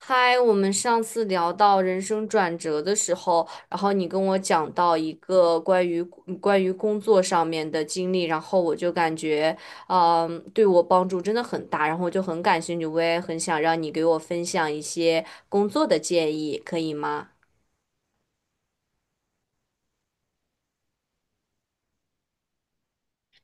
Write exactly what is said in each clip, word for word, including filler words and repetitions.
嗨，我们上次聊到人生转折的时候，然后你跟我讲到一个关于关于工作上面的经历，然后我就感觉，嗯，对我帮助真的很大，然后我就很感兴趣，我也很想让你给我分享一些工作的建议，可以吗？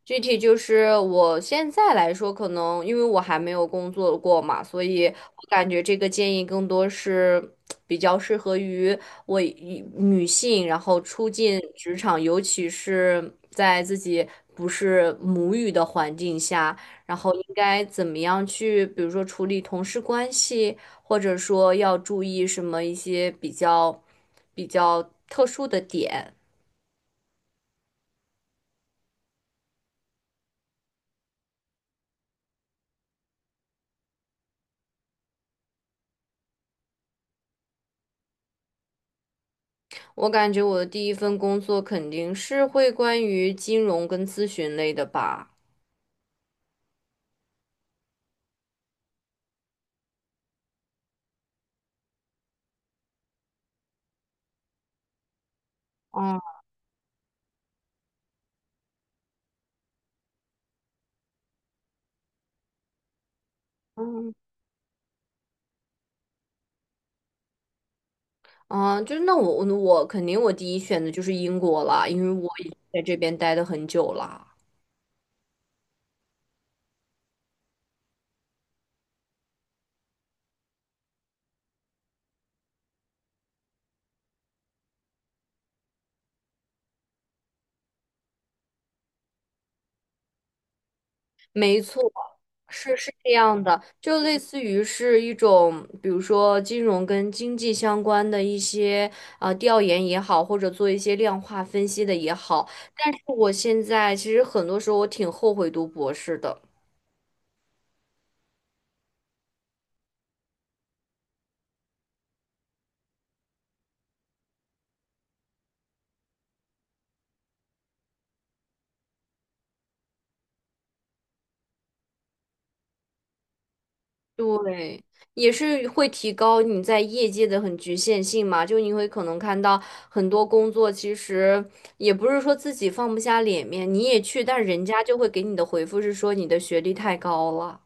具体就是我现在来说，可能因为我还没有工作过嘛，所以我感觉这个建议更多是比较适合于我一女性，然后初进职场，尤其是在自己不是母语的环境下，然后应该怎么样去，比如说处理同事关系，或者说要注意什么一些比较比较特殊的点。我感觉我的第一份工作肯定是会关于金融跟咨询类的吧。哦，嗯，啊，就是那我我我肯定我第一选的就是英国了，因为我已经在这边待的很久了。没错，是是这样的，就类似于是一种，比如说金融跟经济相关的一些啊、呃调研也好，或者做一些量化分析的也好。但是我现在其实很多时候我挺后悔读博士的。对，也是会提高你在业界的很局限性嘛，就你会可能看到很多工作，其实也不是说自己放不下脸面，你也去，但人家就会给你的回复是说你的学历太高了。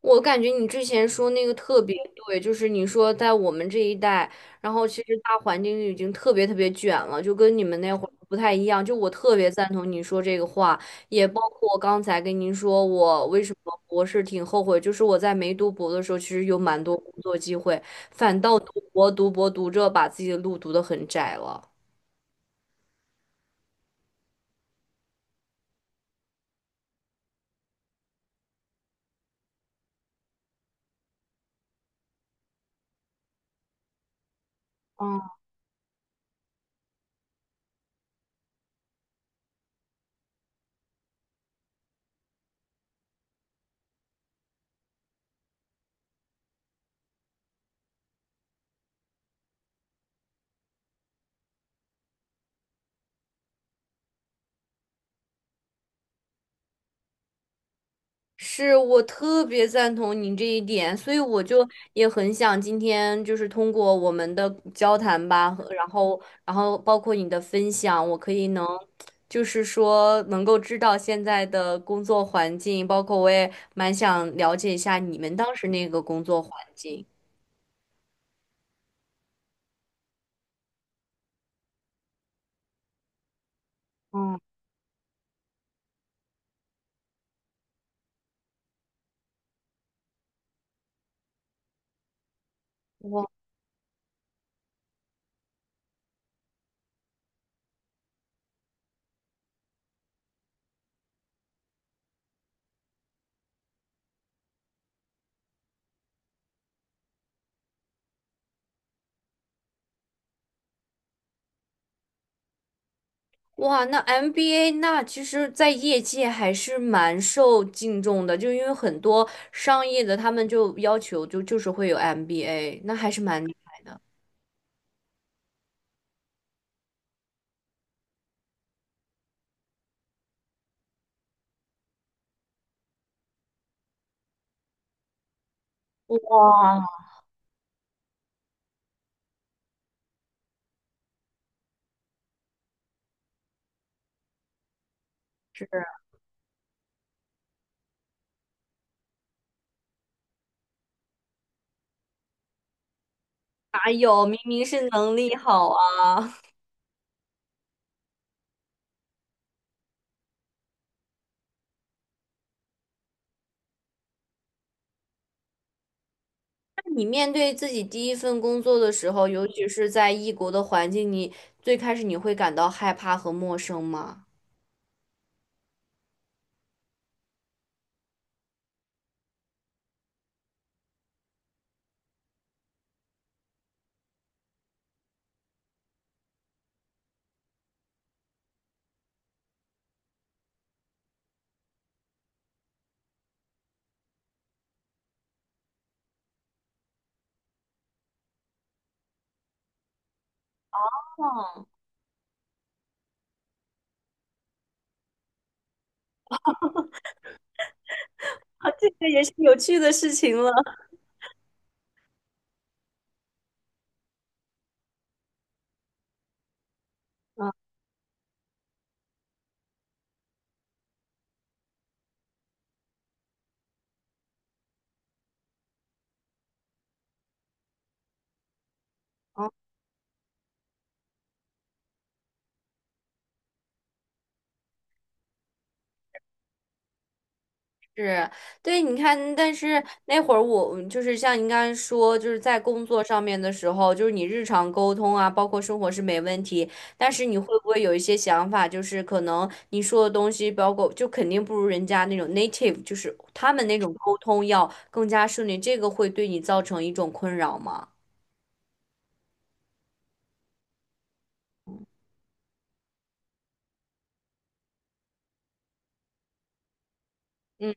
我感觉你之前说那个特别对，就是你说在我们这一代，然后其实大环境已经特别特别卷了，就跟你们那会儿不太一样。就我特别赞同你说这个话，也包括我刚才跟您说我为什么博士挺后悔，就是我在没读博的时候，其实有蛮多工作机会，反倒读博读博读着把自己的路读得很窄了。嗯。是我特别赞同你这一点，所以我就也很想今天就是通过我们的交谈吧，和然后然后包括你的分享，我可以能就是说能够知道现在的工作环境，包括我也蛮想了解一下你们当时那个工作环境。嗯，我。哇，那 M B A 那其实，在业界还是蛮受敬重的，就因为很多商业的他们就要求就就是会有 M B A，那还是蛮厉害的。哇，是，哪有？明明是能力好啊！那你面对自己第一份工作的时候，尤其是在异国的环境，你最开始你会感到害怕和陌生吗？哦，啊，这个也是有趣的事情了。嗯是，对，你看，但是那会儿我就是像您刚才说，就是在工作上面的时候，就是你日常沟通啊，包括生活是没问题，但是你会不会有一些想法，就是可能你说的东西，包括就肯定不如人家那种 native，就是他们那种沟通要更加顺利，这个会对你造成一种困扰吗？嗯。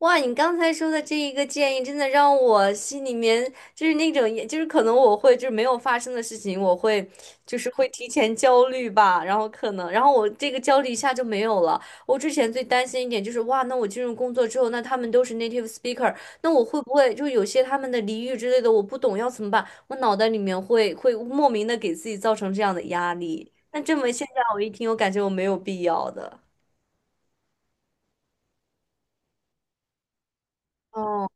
哇，你刚才说的这一个建议，真的让我心里面就是那种，也就是可能我会就是没有发生的事情，我会就是会提前焦虑吧，然后可能，然后我这个焦虑一下就没有了。我之前最担心一点就是，哇，那我进入工作之后，那他们都是 native speaker，那我会不会就有些他们的俚语之类的我不懂要怎么办？我脑袋里面会会莫名的给自己造成这样的压力。那这么现在我一听，我感觉我没有必要的。哦，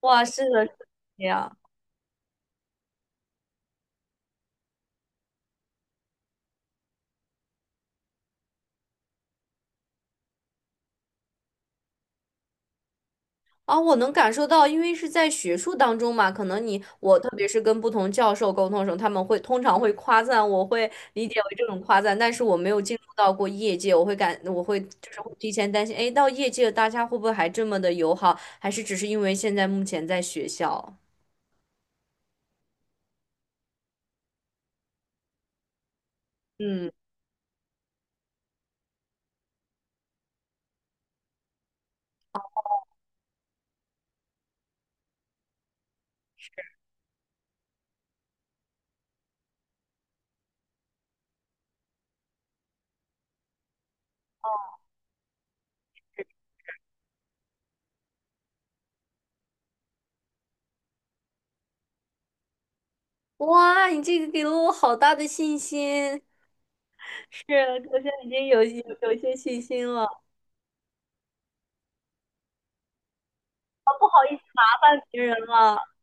哇，是的，是这样。啊，我能感受到，因为是在学术当中嘛，可能你我特别是跟不同教授沟通的时候，他们会通常会夸赞，我会理解为这种夸赞，但是我没有进入到过业界，我会感我会就是会提前担心，哎，到业界大家会不会还这么的友好，还是只是因为现在目前在学校？嗯，哇，你这个给了我好大的信心，是，我现在已经有有有一些信心了，麻烦别人了。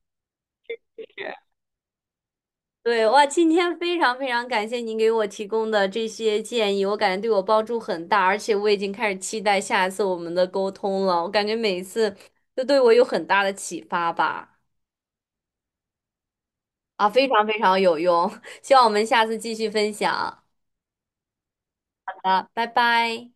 对，哇，今天非常非常感谢您给我提供的这些建议，我感觉对我帮助很大，而且我已经开始期待下一次我们的沟通了。我感觉每一次都对我有很大的启发吧，啊，非常非常有用，希望我们下次继续分享。好的，拜拜。